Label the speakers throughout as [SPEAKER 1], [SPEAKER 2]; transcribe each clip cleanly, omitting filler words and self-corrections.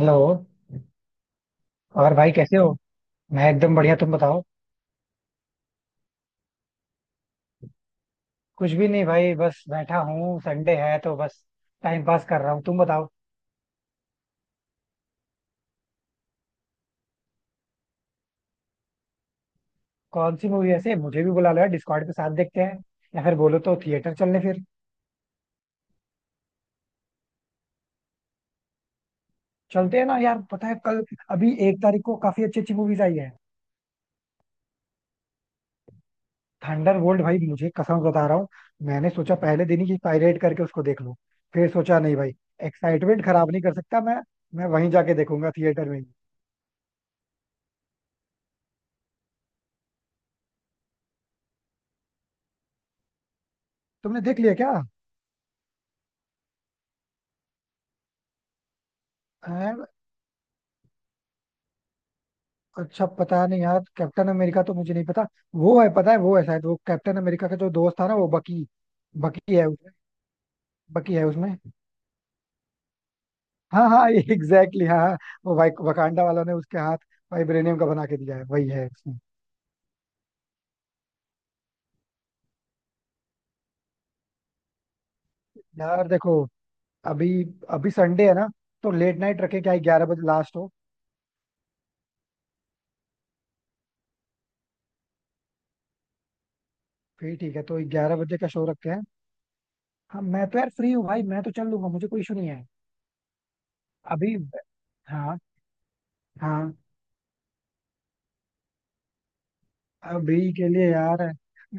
[SPEAKER 1] Hello. और भाई कैसे हो? मैं एकदम बढ़िया, तुम बताओ। कुछ भी नहीं भाई, बस बैठा हूँ, संडे है तो बस टाइम पास कर रहा हूँ, तुम बताओ। कौन सी मूवी? ऐसे मुझे भी बुला लो यार डिस्कॉर्ड पे, साथ देखते हैं। या फिर बोलो तो थिएटर चलने फिर। चलते हैं ना यार, पता है कल अभी एक तारीख को काफी अच्छी अच्छी मूवीज आई है। थंडरबोल्ट भाई, मुझे कसम बता रहा हूँ, मैंने सोचा पहले दिन ही कि पायरेट करके उसको देख लूं। फिर सोचा नहीं भाई, एक्साइटमेंट खराब नहीं कर सकता मैं। मैं वहीं जाके देखूंगा थिएटर में ही। तुमने देख लिया क्या? अच्छा पता नहीं यार, कैप्टन अमेरिका तो मुझे नहीं पता। वो है, पता है वो है, शायद वो कैप्टन अमेरिका का जो दोस्त था ना, वो बकी। बकी है उसमें। बकी है उसमें। हाँ हाँ एग्जैक्टली हाँ हाँ, वो वाई वकांडा वालों ने उसके हाथ वाइब्रेनियम का बना के दिया है, वही है उसमें। यार देखो, अभी अभी संडे है ना, तो लेट नाइट रखे क्या, 11 बजे लास्ट हो। फिर ठीक है, तो 11 बजे का शो रखते हैं। हाँ मैं तो यार फ्री हूँ भाई, मैं तो चल लूंगा, मुझे कोई इशू नहीं है। अभी हाँ हाँ, अभी के लिए यार,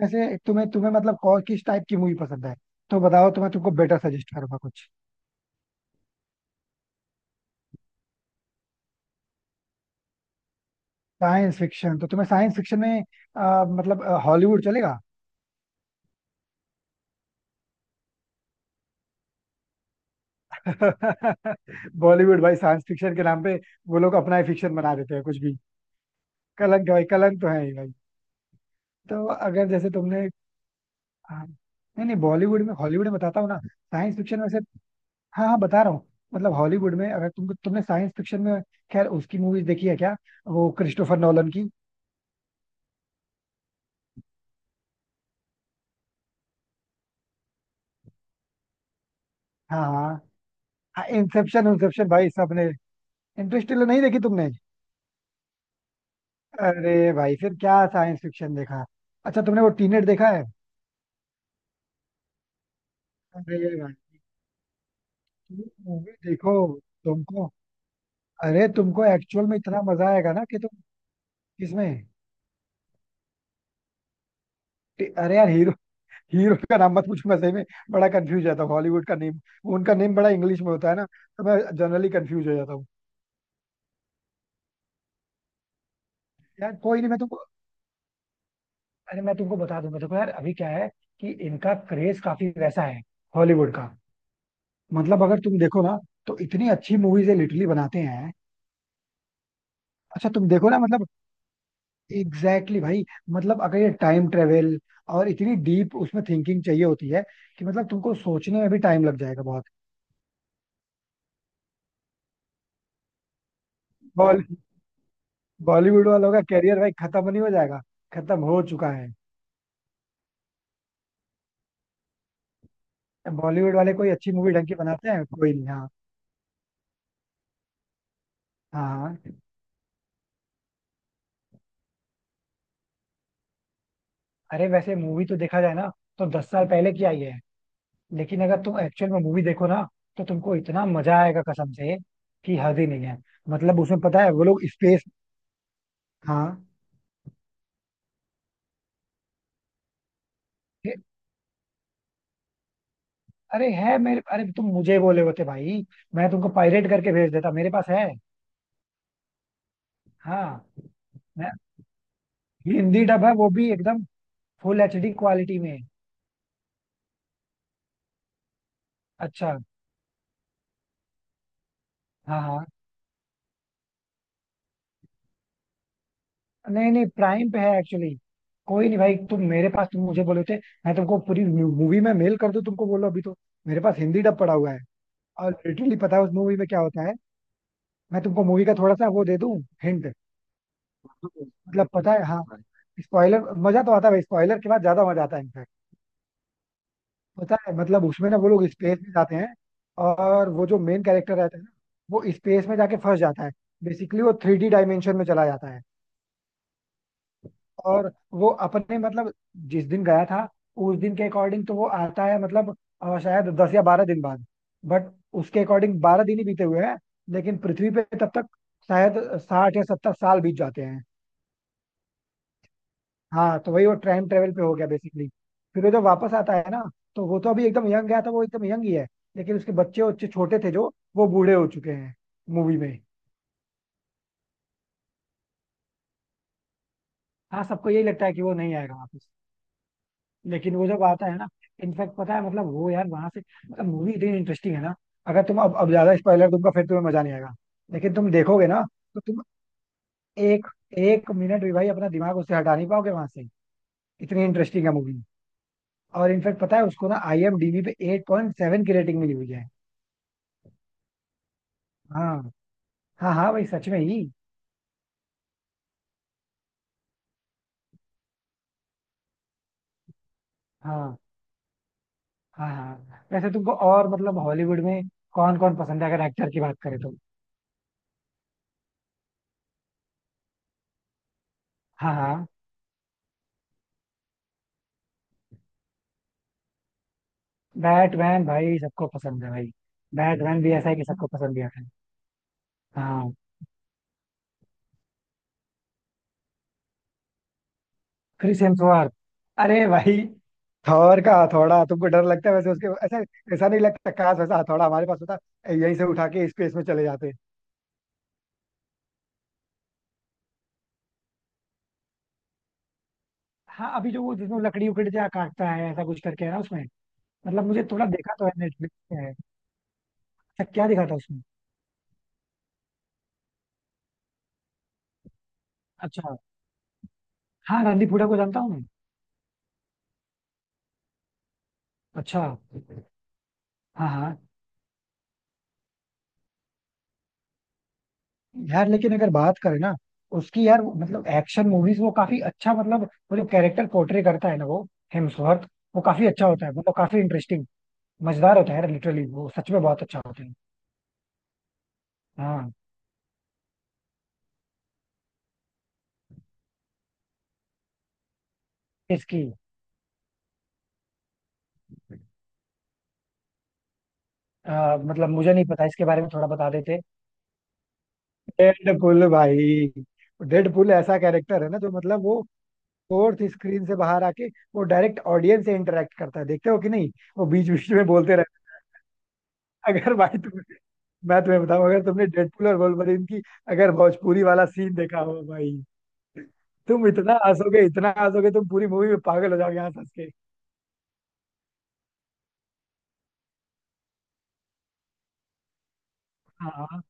[SPEAKER 1] वैसे तुम्हें तुम्हें मतलब और किस टाइप की मूवी पसंद है, तो बताओ तो मैं तुमको बेटर सजेस्ट करूंगा कुछ। साइंस फिक्शन, तो तुम्हें साइंस फिक्शन में मतलब हॉलीवुड चलेगा? बॉलीवुड भाई साइंस फिक्शन के नाम पे वो लोग अपना ही फिक्शन बना देते हैं कुछ भी। कलंक है भाई, कलंक तो है ही भाई। तो अगर जैसे तुमने, हाँ, नहीं नहीं, बॉलीवुड में, हॉलीवुड में बताता हूँ ना, साइंस फिक्शन में से। हाँ हाँ, बता रहा हूँ। मतलब हॉलीवुड में अगर तुमको, तुमने साइंस फिक्शन में, खैर उसकी मूवीज देखी है क्या, वो क्रिस्टोफर नॉलन की? हाँ हाँ, इंसेप्शन, इंसेप्शन भाई सबने। इंटरस्टेलर नहीं देखी तुमने? अरे भाई फिर क्या साइंस फिक्शन देखा। अच्छा तुमने वो टीनेट देखा है? अरे भाई मूवी देखो, तुमको, अरे तुमको एक्चुअल में इतना मजा आएगा ना कि तुम। किसमें? अरे यार हीरो, हीरो का नाम मत पूछो, मैं सही में बड़ा कंफ्यूज जाता हूँ हॉलीवुड का नेम। उनका नेम बड़ा इंग्लिश में होता है ना, तो मैं जनरली कंफ्यूज हो जाता हूँ। यार कोई नहीं, मैं तुमको, अरे मैं तुमको बता दूंगा। देखो यार अभी क्या है कि इनका क्रेज काफी वैसा है हॉलीवुड का। मतलब अगर तुम देखो ना, तो इतनी अच्छी मूवीज ये लिटरली बनाते हैं। अच्छा तुम देखो ना मतलब, एग्जैक्टली exactly भाई, मतलब अगर ये टाइम ट्रेवल, और इतनी डीप उसमें थिंकिंग चाहिए होती है कि मतलब तुमको सोचने में भी टाइम लग जाएगा बहुत। बॉल बॉलीवुड वालों का करियर भाई खत्म नहीं हो जाएगा, खत्म हो चुका है। बॉलीवुड वाले कोई अच्छी मूवी ढंग की बनाते हैं, कोई नहीं। हाँ हाँ हाँ। अरे वैसे मूवी तो देखा जाए ना तो 10 साल पहले की आई है। लेकिन अगर तुम एक्चुअल में मूवी देखो ना, तो तुमको इतना मजा आएगा कसम से कि हद ही नहीं है। मतलब उसमें पता है वो लोग स्पेस, हाँ, ये- अरे है मेरे, अरे तुम मुझे बोले होते भाई, मैं तुमको पायरेट करके भेज देता, मेरे पास है। हाँ, मैं हिंदी डब है वो भी, एकदम फुल एचडी क्वालिटी में। अच्छा, हाँ हाँ, नहीं नहीं, प्राइम पे है एक्चुअली। कोई नहीं भाई, तुम मेरे पास, तुम मुझे बोले थे, मैं तुमको पूरी मूवी में मेल कर दूं, तुमको बोलो अभी तो। मेरे पास हिंदी डब पड़ा हुआ है। और लिटरली पता है उस मूवी में क्या होता है। मैं तुमको मूवी का थोड़ा सा वो दे दूं, हिंट। मतलब पता है हाँ, स्पॉइलर, मजा तो आता है, स्पॉइलर के बाद ज्यादा मजा आता है इनफैक्ट। पता है मतलब उसमें ना वो लोग स्पेस में जाते हैं, और वो जो मेन कैरेक्टर रहता है ना, वो स्पेस में जाके फंस जाता है। बेसिकली वो थ्री डी डायमेंशन में चला जाता है। और वो अपने मतलब जिस दिन गया था, उस दिन के अकॉर्डिंग तो वो आता है मतलब, शायद 10 या 12 दिन बाद। बट उसके अकॉर्डिंग 12 दिन ही बीते हुए हैं, लेकिन पृथ्वी पे तब तक शायद 60 या 70 साल बीत जाते हैं। हाँ, तो वही वो टाइम ट्रेवल पे हो गया बेसिकली। फिर वो जब वापस आता है ना, तो वो तो अभी एकदम यंग गया था, वो एकदम यंग ही है। लेकिन उसके बच्चे उच्चे छोटे थे जो, वो बूढ़े हो चुके हैं मूवी में। हाँ, सबको यही लगता है कि वो नहीं आएगा वापस। लेकिन वो जब आता है ना, इनफैक्ट पता है मतलब वो यार वहां से, मतलब मूवी इतनी इंटरेस्टिंग है ना, अगर तुम, अब ज्यादा स्पॉइलर दूंगा फिर तुम्हें मजा नहीं आएगा। लेकिन तुम देखोगे ना तो तुम एक एक मिनट भी भाई अपना दिमाग उससे हटा नहीं पाओगे वहां से। इतनी इंटरेस्टिंग है मूवी। और इनफैक्ट पता है उसको ना आईएमडीबी पे 8.7 की रेटिंग मिली हुई है। हाँ हाँ, हाँ भाई सच में ही। हाँ हाँ हाँ, वैसे तुमको और मतलब हॉलीवुड में कौन कौन पसंद है अगर एक्टर की बात करें तो? हाँ हाँ, बैटमैन भाई सबको पसंद है भाई। बैटमैन भी ऐसा है कि सबको पसंद भी आता है। हाँ, क्रिस हेम्सवर्थ, अरे भाई, थॉर का हथौड़ा, तुमको डर लगता है वैसे उसके, ऐसा ऐसा नहीं लगता काश वैसा हथौड़ा हमारे पास होता, यहीं से उठा के स्पेस में चले जाते। हाँ अभी जो वो जिसमें लकड़ी उकड़ी से काटता है ऐसा कुछ करके, है ना उसमें? मतलब मुझे थोड़ा देखा तो है, नेटफ्लिक्स पे है। अच्छा क्या दिखा था उसमें? अच्छा, हाँ रणदीप हुडा को जानता हूँ मैं। अच्छा, हाँ हाँ, यार लेकिन अगर बात करें ना उसकी यार, मतलब एक्शन मूवीज वो काफी अच्छा मतलब, वो जो कैरेक्टर पोर्ट्रे करता है ना वो, हेम्सवर्थ, वो काफी अच्छा होता है, मतलब काफी इंटरेस्टिंग मजेदार होता है यार, लिटरली वो सच में बहुत अच्छा होता है। हाँ, इसकी, मतलब मुझे नहीं पता इसके बारे में थोड़ा बता देते। डेडपुल भाई, डेडपुल ऐसा कैरेक्टर है ना जो मतलब वो फोर्थ स्क्रीन से बाहर आके वो डायरेक्ट ऑडियंस से इंटरेक्ट करता है, देखते हो कि नहीं, वो बीच बीच में बोलते रहते। अगर भाई तुम, मैं तुम्हें बताऊं, अगर तुमने डेडपुल और वोल्वरिन की अगर भोजपुरी वाला सीन देखा हो भाई, तुम इतना हंसोगे, इतना हंसोगे, तुम पूरी मूवी में पागल हो जाओगे यहाँ हंस के। हाँ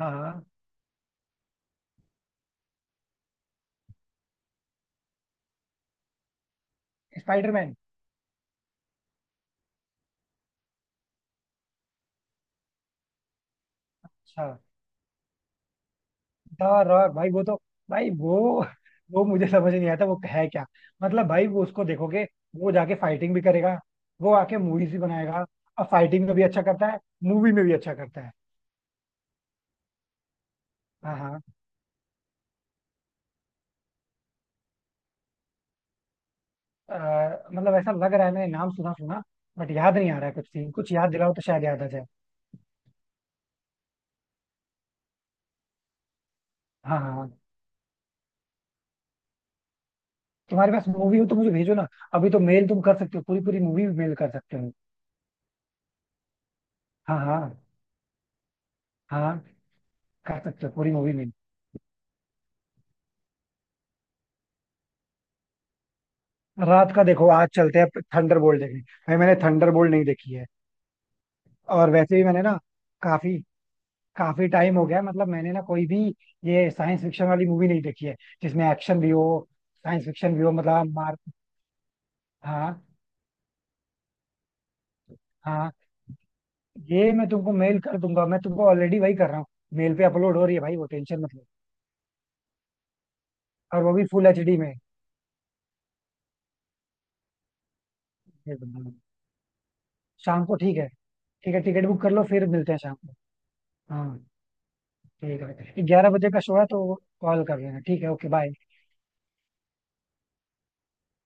[SPEAKER 1] हाँ हाँ, स्पाइडरमैन। अच्छा, द रॉक भाई, वो तो, भाई वो मुझे समझ नहीं आता वो है क्या। मतलब भाई वो, उसको देखोगे, वो जाके फाइटिंग भी करेगा, वो आके मूवीज भी बनाएगा, और फाइटिंग में भी अच्छा करता है, मूवी में भी अच्छा करता है। हाँ हाँ, अ, मतलब ऐसा लग रहा है मैंने नाम सुना सुना, बट याद नहीं आ रहा है कुछ, सीन कुछ याद दिलाओ तो शायद याद आ जाए। हाँ हाँ हाँ। तुम्हारे पास मूवी हो तो मुझे भेजो ना। अभी तो मेल तुम कर सकते हो, पूरी पूरी मूवी मेल कर सकते हो। हाँ हाँ, हाँ कर सकते हो पूरी मूवी मेल। रात का देखो, आज चलते हैं थंडरबोल्ट देखने, भाई मैंने थंडरबोल्ट नहीं देखी है। और वैसे भी मैंने ना काफी काफी टाइम हो गया है, मतलब मैंने ना कोई भी ये साइंस फिक्शन वाली मूवी नहीं देखी है जिसमें एक्शन भी हो, साइंस फिक्शन भी हो, मतलब मार। हाँ हाँ, ये मैं तुमको मेल कर दूंगा, मैं तुमको ऑलरेडी वही कर रहा हूँ, मेल पे अपलोड हो रही है भाई, वो टेंशन मत लो। और वो भी फुल HD में भेज दूंगा मैं। शाम को ठीक है, ठीक है टिकट बुक कर लो, फिर मिलते हैं शाम को। हाँ ठीक है, 11 बजे का शो है तो कॉल कर लेना, ठीक है ओके बाय।